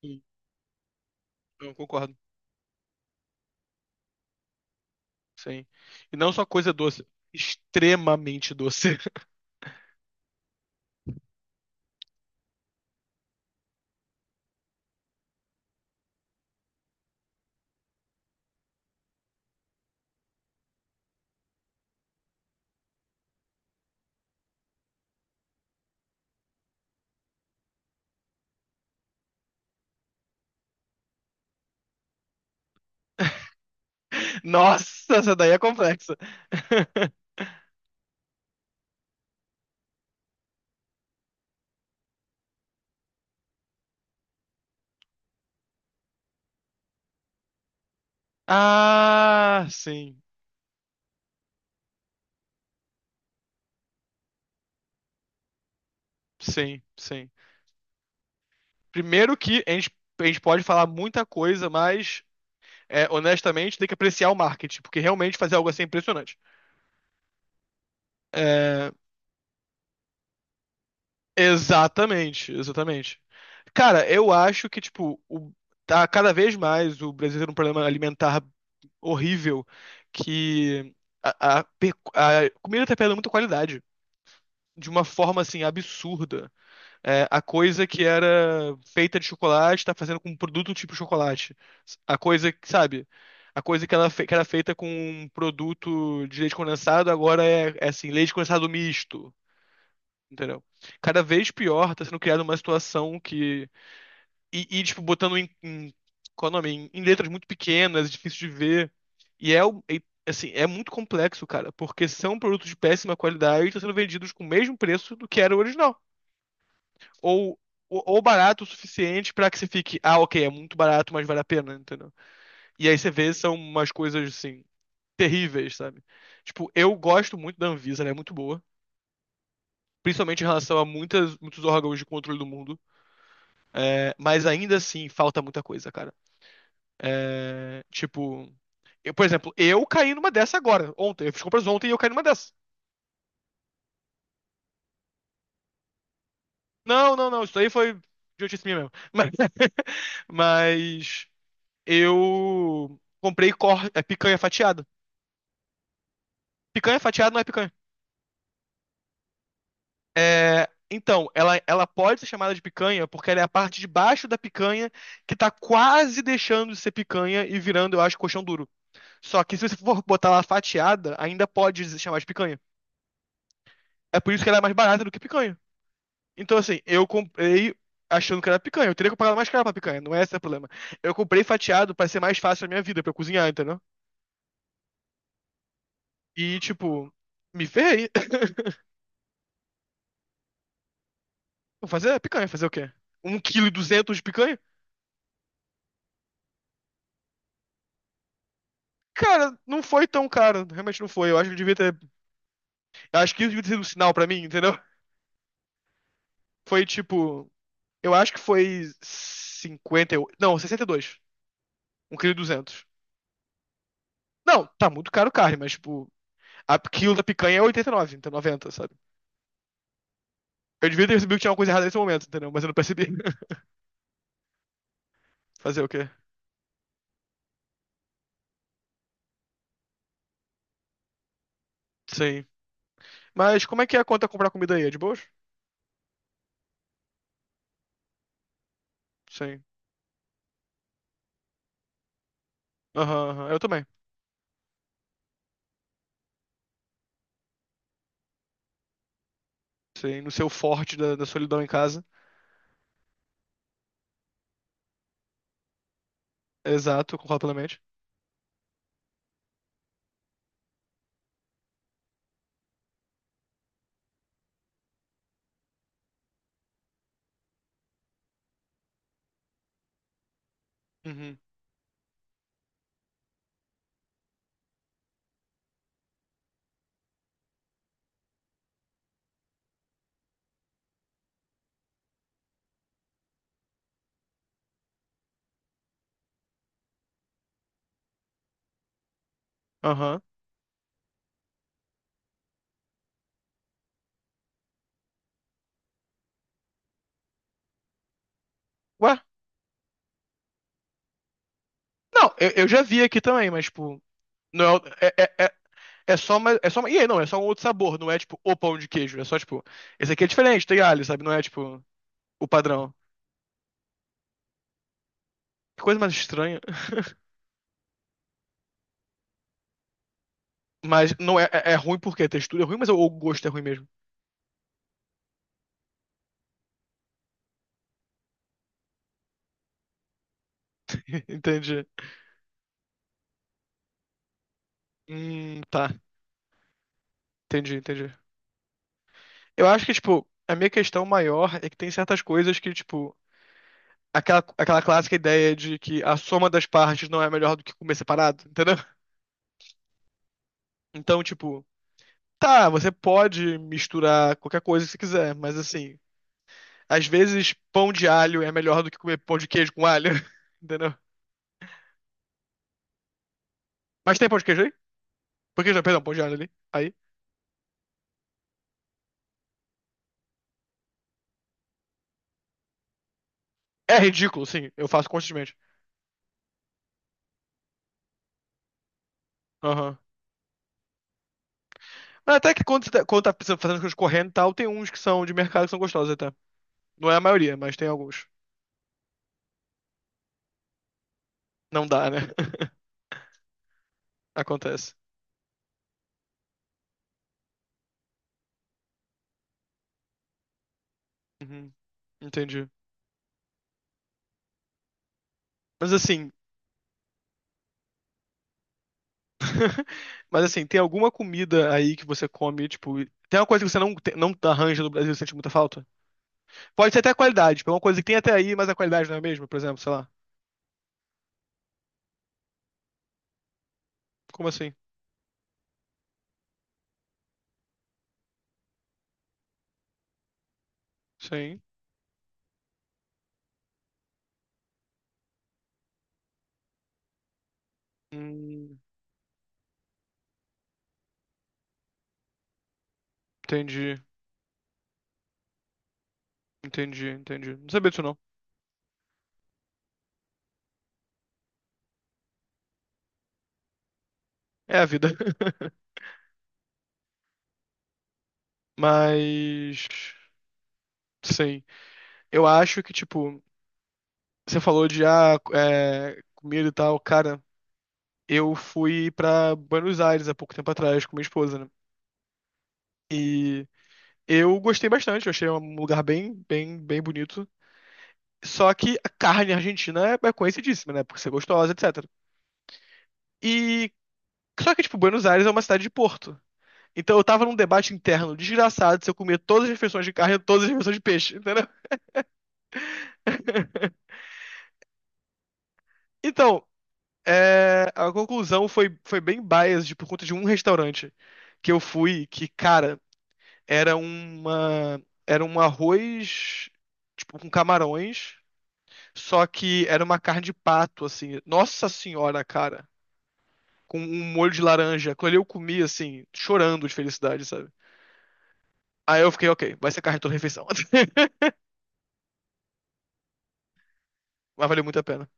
Sim, eu concordo, sim. E não só coisa doce, extremamente doce. Nossa, essa daí é complexa. Ah, sim, sim, sim. Primeiro que a gente pode falar muita coisa, mas honestamente tem que apreciar o marketing, porque realmente fazer algo assim é impressionante. É, Exatamente, exatamente. Cara, eu acho que, tipo, o, tá cada vez mais o Brasil tem um problema alimentar horrível, que a comida tá perdendo muita qualidade, de uma forma, assim, absurda. É, a coisa que era feita de chocolate tá fazendo com um produto tipo chocolate. A coisa que, sabe, a coisa que, ela, que era feita com um produto de leite condensado agora é assim, leite condensado misto. Entendeu? Cada vez pior tá sendo criada uma situação que. Tipo, botando qual é o nome? Em letras muito pequenas, difícil de ver. E é, assim, é muito complexo, cara, porque são produtos de péssima qualidade e estão sendo vendidos com o mesmo preço do que era o original. Ou, ou barato o suficiente pra que você fique, ah, ok, é muito barato, mas vale a pena, entendeu? E aí você vê, são umas coisas, assim, terríveis, sabe? Tipo, eu gosto muito da Anvisa, ela é muito boa. Principalmente em relação a muitos órgãos de controle do mundo. É, mas ainda assim, falta muita coisa, cara. É, tipo, por exemplo, eu caí numa dessa agora, ontem. Eu fiz compras ontem e eu caí numa dessa. Não, não, não, isso aí foi idiotice minha mesmo. Mas, mas eu comprei picanha fatiada. Picanha fatiada não é picanha. É, então, ela pode ser chamada de picanha porque ela é a parte de baixo da picanha que tá quase deixando de ser picanha e virando, eu acho, colchão duro. Só que se você for botar ela fatiada, ainda pode se chamar de picanha. É por isso que ela é mais barata do que picanha. Então, assim, eu comprei achando que era picanha. Eu teria que pagar mais caro pra picanha, não é esse o problema. Eu comprei fatiado pra ser mais fácil a minha vida, pra eu cozinhar, entendeu? E, tipo, me ferrei. Vou fazer picanha, fazer o quê? Um quilo e duzentos de picanha? Cara, não foi tão caro, realmente não foi. Eu acho que eu devia ter. Eu acho que isso devia ter sido um sinal pra mim, entendeu? Foi tipo. Eu acho que foi 58. Não, 62, um quilo e duzentos. Não, tá muito caro carne, mas, tipo, a quilo da picanha é 89, então 90, sabe? Eu devia ter percebido que tinha uma coisa errada nesse momento, entendeu? Mas eu não percebi. Fazer o quê? Sim. Mas como é que é a conta comprar comida aí? É de boas? Sim. Aham, aham. Eu também. Sim, no seu forte da solidão em casa. Exato, eu concordo plenamente. Uhum. Aham. Ué? Não, eu já vi aqui também, mas, tipo. Não, é só uma, e aí, não, é só um outro sabor, não é tipo o pão de queijo, é só tipo, esse aqui é diferente, tem alho, sabe? Não é tipo o padrão. Que coisa mais estranha. Mas não é, é, é ruim porque a textura é ruim, mas o gosto é ruim mesmo. Entendi. Tá. Entendi, entendi. Eu acho que, tipo, a minha questão maior é que tem certas coisas que, tipo, aquela clássica ideia de que a soma das partes não é melhor do que comer separado, entendeu? Então, tipo, tá, você pode misturar qualquer coisa que você quiser, mas assim, às vezes pão de alho é melhor do que comer pão de queijo com alho, entendeu? Mas tem pão de queijo aí? Pão de queijo, não, perdão, pão de alho ali. Aí. É ridículo, sim, eu faço constantemente. Aham. Mas até que quando, quando tá fazendo coisas correndo e tal, tem uns que são de mercado que são gostosos até. Não é a maioria, mas tem alguns. Não dá, né? Acontece. Uhum, entendi. Mas assim, mas assim, tem alguma comida aí que você come, tipo, tem uma coisa que você não arranja no Brasil e sente muita falta? Pode ser até a qualidade, tipo, é uma coisa que tem até aí, mas a qualidade não é a mesma, por exemplo, sei lá. Como assim? Sim. Hum, entendi, entendi, entendi. Não sabia disso, não. É a vida. Mas, sim. Eu acho que, tipo, você falou de, ah, comida e tal, cara. Eu fui pra Buenos Aires há pouco tempo atrás com minha esposa, né? E eu gostei bastante, eu achei um lugar bem bonito. Só que a carne argentina é conhecidíssima, né? Por ser gostosa, etc. E só que, tipo, Buenos Aires é uma cidade de porto. Então eu tava num debate interno desgraçado se eu comia todas as refeições de carne ou todas as refeições de peixe, entendeu? Então, a conclusão foi, foi bem biased por conta de um restaurante que eu fui que, cara, era era um arroz, tipo, com camarões, só que era uma carne de pato, assim. Nossa senhora, cara. Com um molho de laranja. Aquilo ali eu comi, assim, chorando de felicidade, sabe? Aí eu fiquei, ok, vai ser carne toda refeição. Mas valeu muito a pena.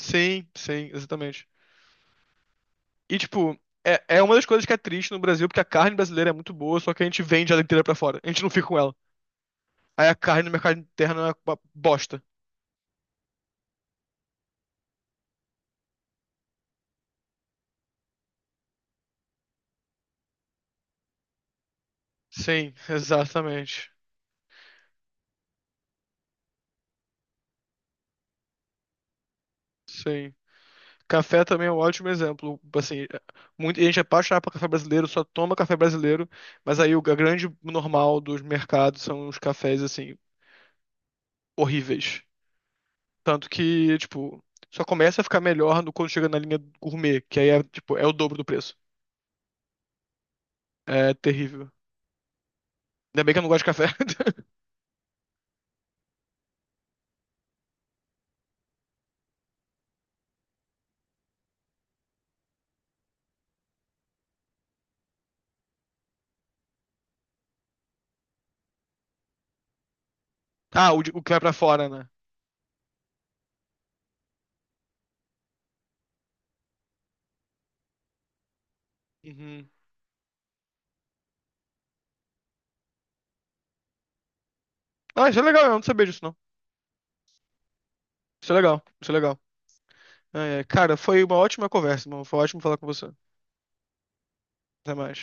Sim, sim, exatamente. E, tipo, é uma das coisas que é triste no Brasil, porque a carne brasileira é muito boa, só que a gente vende ela inteira pra fora. A gente não fica com ela. Aí a carne no mercado interno é uma bosta. Sim, exatamente. Sim. Café também é um ótimo exemplo. Assim, muita gente é apaixonada por café brasileiro, só toma café brasileiro, mas aí o a grande normal dos mercados são os cafés, assim, horríveis. Tanto que, tipo, só começa a ficar melhor no- quando chega na linha gourmet, que aí é, tipo, é o dobro do preço. É terrível. Ainda bem que eu não gosto de café. Ah, o que vai pra fora, né? Uhum. Ah, isso é legal, eu não sabia disso, não. Isso é legal, isso é legal. É, é. Cara, foi uma ótima conversa, irmão. Foi ótimo falar com você. Até mais.